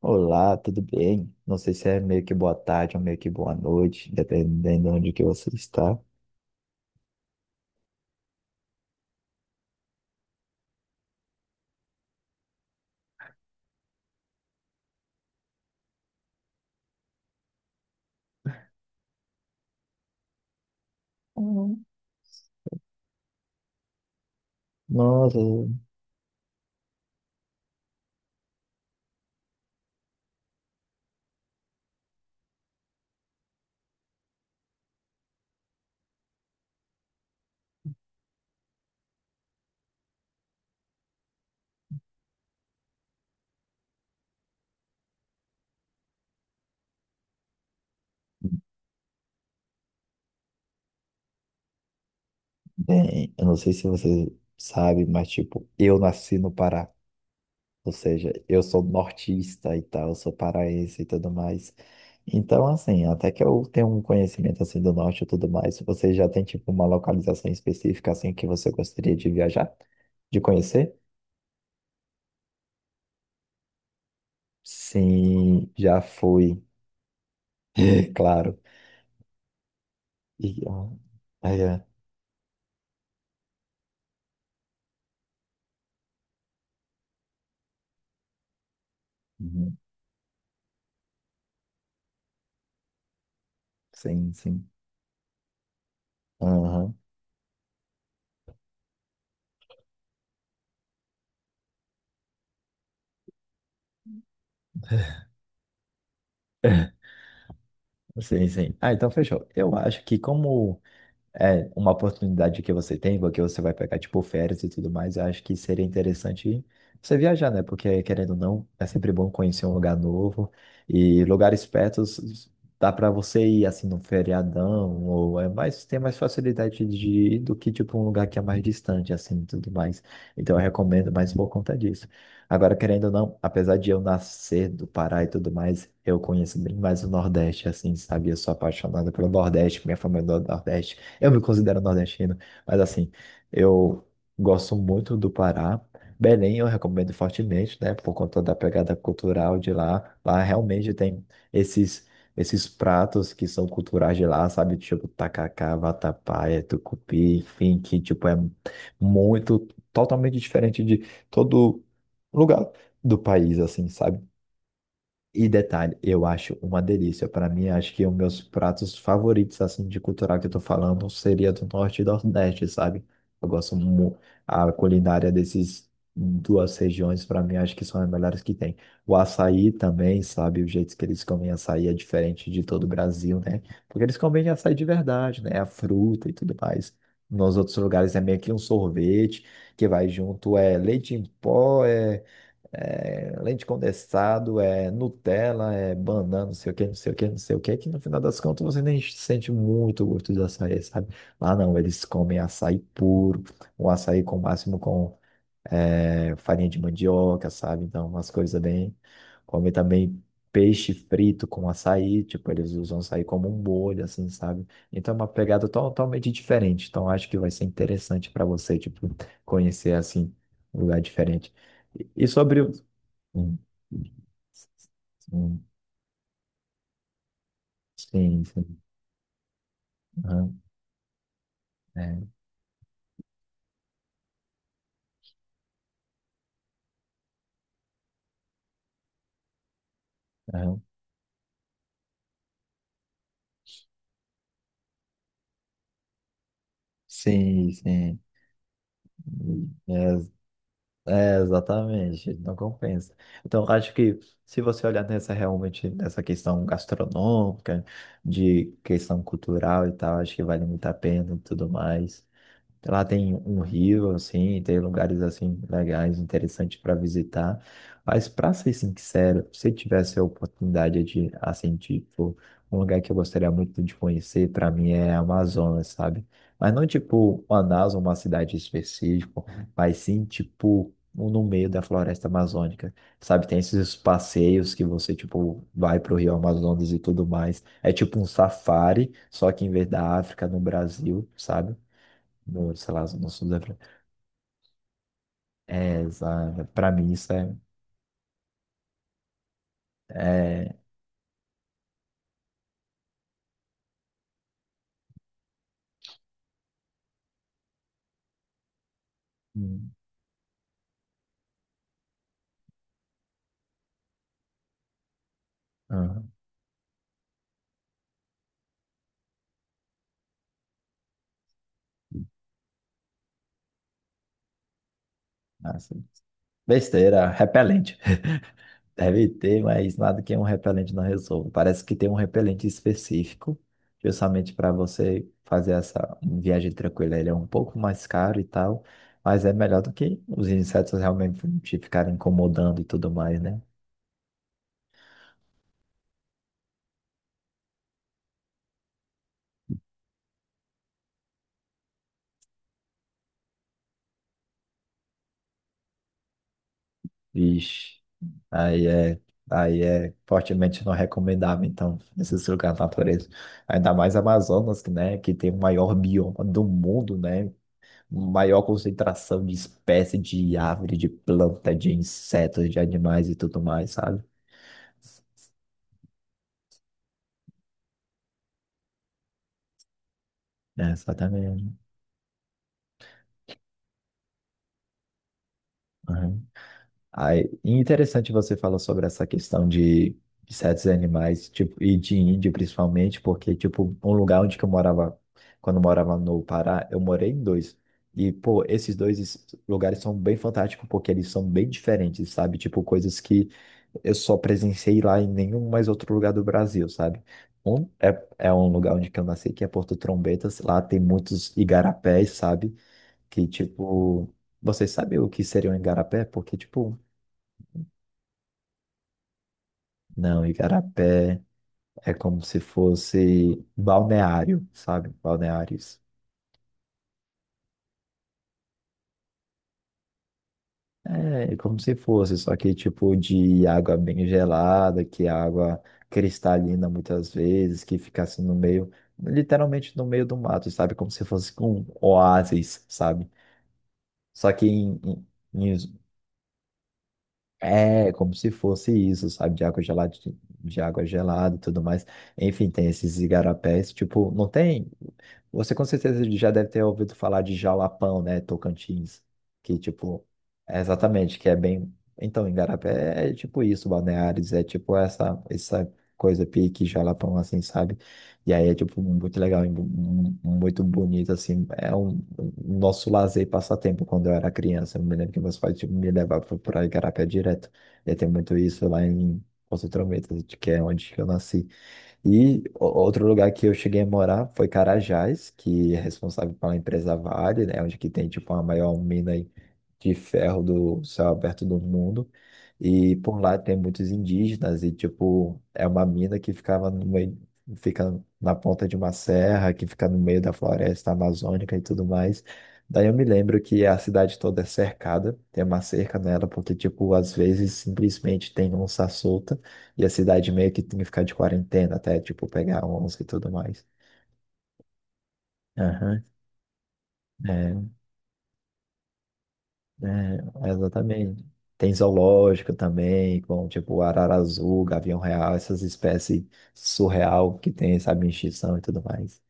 Olá, tudo bem? Não sei se é meio que boa tarde ou meio que boa noite, dependendo de onde que você está. Hum. Nossa, bem, eu não sei se você sabe, mas tipo, eu nasci no Pará. Ou seja, eu sou nortista e tal, eu sou paraense e tudo mais. Então, assim, até que eu tenho um conhecimento assim do norte e tudo mais, você já tem tipo uma localização específica assim que você gostaria de viajar, de conhecer? Sim, já fui, claro. E, ó, aí é. Uhum. Sim, sim. Aham. Sim, sim. Ah, então fechou. Eu acho que como. É, uma oportunidade que você tem, porque você vai pegar, tipo, férias e tudo mais, eu acho que seria interessante você viajar, né? Porque, querendo ou não, é sempre bom conhecer um lugar novo e lugares perto dá para você ir, assim, num feriadão, ou é mais, tem mais facilidade de ir do que, tipo, um lugar que é mais distante, assim, e tudo mais. Então, eu recomendo mais por conta disso. Agora, querendo ou não, apesar de eu nascer do Pará e tudo mais, eu conheço bem mais o Nordeste, assim, sabe? Eu sou apaixonado pelo Nordeste, minha família é do Nordeste. Eu me considero nordestino, mas assim, eu gosto muito do Pará. Belém eu recomendo fortemente, né? Por conta da pegada cultural de lá. Lá realmente tem esses, esses pratos que são culturais de lá, sabe? Tipo tacacá, vatapá, tucupi, enfim, que tipo é muito, totalmente diferente de todo lugar do país, assim, sabe? E detalhe, eu acho uma delícia. Para mim, acho que os meus pratos favoritos, assim, de cultural que eu tô falando, seria do Norte e do Nordeste, sabe? Eu gosto muito a culinária desses duas regiões, para mim, acho que são as melhores que tem. O açaí também, sabe? O jeito que eles comem açaí é diferente de todo o Brasil, né? Porque eles comem açaí de verdade, né? A fruta e tudo mais. Nos outros lugares é meio que um sorvete que vai junto, é leite em pó, é leite condensado, é Nutella, é banana, não sei o que, não sei o que, não sei o que, que no final das contas você nem sente muito o gosto do açaí, sabe? Lá não, eles comem açaí puro, um açaí com máximo com farinha de mandioca, sabe? Então, umas coisas bem. Comem também peixe frito com açaí, tipo, eles usam açaí como um molho, assim, sabe? Então é uma pegada totalmente diferente. Então, acho que vai ser interessante para você, tipo, conhecer assim um lugar diferente. E sobre o-. Sim, sim, sim, sim. Aham, é, aham. Sim, sim. É, é, exatamente, não compensa. Então, eu acho que se você olhar nessa realmente nessa questão gastronômica, de questão cultural e tal, acho que vale muito a pena e tudo mais. Lá tem um rio, assim, tem lugares, assim, legais, interessantes para visitar. Mas, para ser sincero, se tivesse a oportunidade de, assim, tipo, um lugar que eu gostaria muito de conhecer, para mim, é a Amazonas, sabe? Mas não, tipo, Manaus, uma cidade específica, mas sim, tipo, no meio da floresta amazônica, sabe? Tem esses passeios que você, tipo, vai pro Rio Amazonas e tudo mais. É tipo um safari, só que em vez da África, no Brasil, sabe? No, sei lá, no sul da França. É, exato. Pra mim isso é hum, aham, assim, besteira, repelente. Deve ter, mas nada que um repelente não resolva. Parece que tem um repelente específico, justamente para você fazer essa viagem tranquila. Ele é um pouco mais caro e tal, mas é melhor do que os insetos realmente te ficarem incomodando e tudo mais, né? Vixe. Aí é, aí é fortemente não recomendável, então, esses lugares da natureza. Ainda mais Amazonas, que, né, que tem o maior bioma do mundo, né? Maior concentração de espécies de árvore, de planta, de insetos, de animais e tudo mais, sabe? É, exatamente. Aí, e interessante você falar sobre essa questão de certos animais, tipo, e de índio principalmente, porque, tipo, um lugar onde que eu morava, quando eu morava no Pará, eu morei em dois. E, pô, esses dois lugares são bem fantásticos porque eles são bem diferentes, sabe? Tipo, coisas que eu só presenciei lá em nenhum mais outro lugar do Brasil, sabe? Um é um lugar onde que eu nasci, que é Porto Trombetas. Lá tem muitos igarapés, sabe? Que, tipo, vocês sabem o que seria um igarapé? Porque, tipo, não, igarapé é como se fosse balneário, sabe? Balneários. É, é como se fosse, só que tipo de água bem gelada, que é água cristalina muitas vezes, que fica assim no meio, literalmente no meio do mato, sabe? Como se fosse um oásis, sabe? Só que em. É, como se fosse isso, sabe? De água gelada, de água gelada e tudo mais. Enfim, tem esses igarapés, tipo, não tem. Você com certeza já deve ter ouvido falar de Jalapão, né? Tocantins. Que, tipo, é exatamente, que é bem. Então, igarapé é tipo isso, Balneares, é tipo essa coisa pique Jalapão, assim, sabe? E aí é, tipo, muito legal, e muito bonito, assim. É um nosso lazer e passatempo quando eu era criança. Eu me lembro que meus pais, tipo, me levavam para Igarapé direto. E tem muito isso lá em Poços de Trombetas, que é onde eu nasci. E outro lugar que eu cheguei a morar foi Carajás, que é responsável pela empresa Vale, né? Onde que tem, tipo, a maior mina aí de ferro do céu aberto do mundo. E por lá tem muitos indígenas e, tipo, é uma mina que ficava no meio, fica na ponta de uma serra, que fica no meio da floresta amazônica e tudo mais. Daí eu me lembro que a cidade toda é cercada, tem uma cerca nela, porque, tipo, às vezes simplesmente tem onça solta. E a cidade meio que tinha que ficar de quarentena até, tipo, pegar onça e tudo mais. Aham, é, exatamente. Tem zoológico também, com, tipo, arara azul, gavião real, essas espécies surreal que tem, sabe, extinção e tudo mais.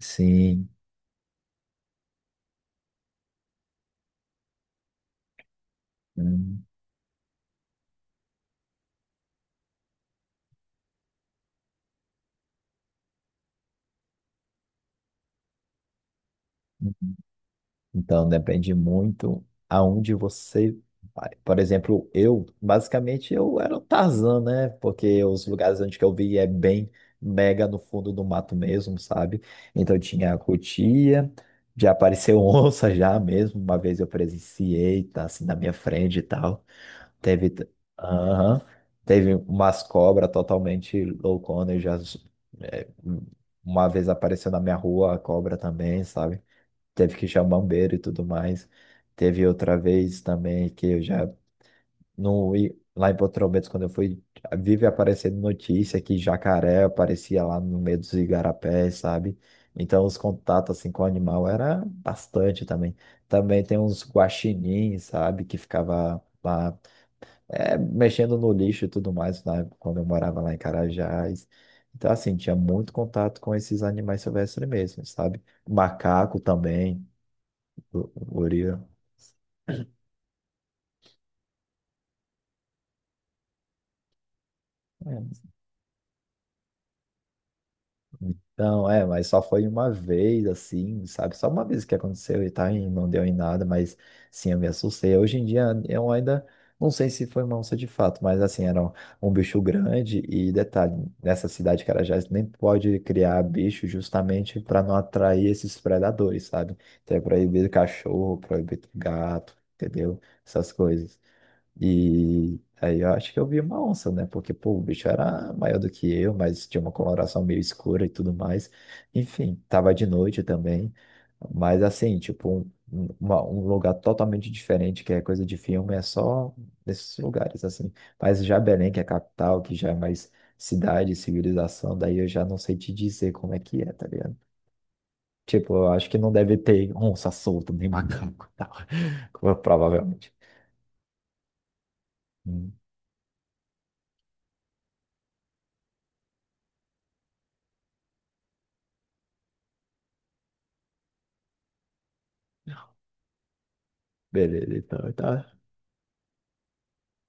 Sim. Hum. Então, depende muito aonde você vai. Por exemplo, eu, basicamente, eu era um Tarzan, né? Porque os lugares onde que eu vi é bem mega no fundo do mato mesmo, sabe? Então, tinha a cutia, já apareceu onça já mesmo. Uma vez eu presenciei, tá assim na minha frente e tal. Teve, t- aham, teve umas cobras totalmente loucona. Eu já, é, uma vez apareceu na minha rua a cobra também, sabe? Teve que chamar um bombeiro e tudo mais. Teve outra vez também que eu já não ia lá em Porto Roberto, quando eu fui, vive aparecendo notícia que jacaré aparecia lá no meio dos igarapés, sabe? Então os contatos assim com o animal era bastante também. Também tem uns guaxinins, sabe, que ficava lá mexendo no lixo e tudo mais, lá, quando eu morava lá em Carajás. Então, assim, tinha muito contato com esses animais silvestres mesmo, sabe? Macaco também. O Uriel. É, então, mas só foi uma vez, assim, sabe? Só uma vez que aconteceu e tá, e não deu em nada, mas sim, eu me assustei. Hoje em dia, eu ainda não sei se foi uma onça de fato, mas assim, era um bicho grande e detalhe, nessa cidade, Carajás, nem pode criar bicho justamente para não atrair esses predadores, sabe? Então é proibido cachorro, proibido gato, entendeu? Essas coisas. E aí eu acho que eu vi uma onça, né? Porque, pô, o bicho era maior do que eu, mas tinha uma coloração meio escura e tudo mais. Enfim, tava de noite também. Mas assim, tipo, um lugar totalmente diferente, que é coisa de filme, é só nesses lugares, assim. Mas já Belém, que é a capital, que já é mais cidade, civilização, daí eu já não sei te dizer como é que é, tá ligado? Tipo, eu acho que não deve ter onça solta, nem macaco, e tal. Provavelmente. Hum, Beleza, então, tá.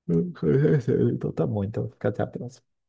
Então tá bom, então fica até a próxima.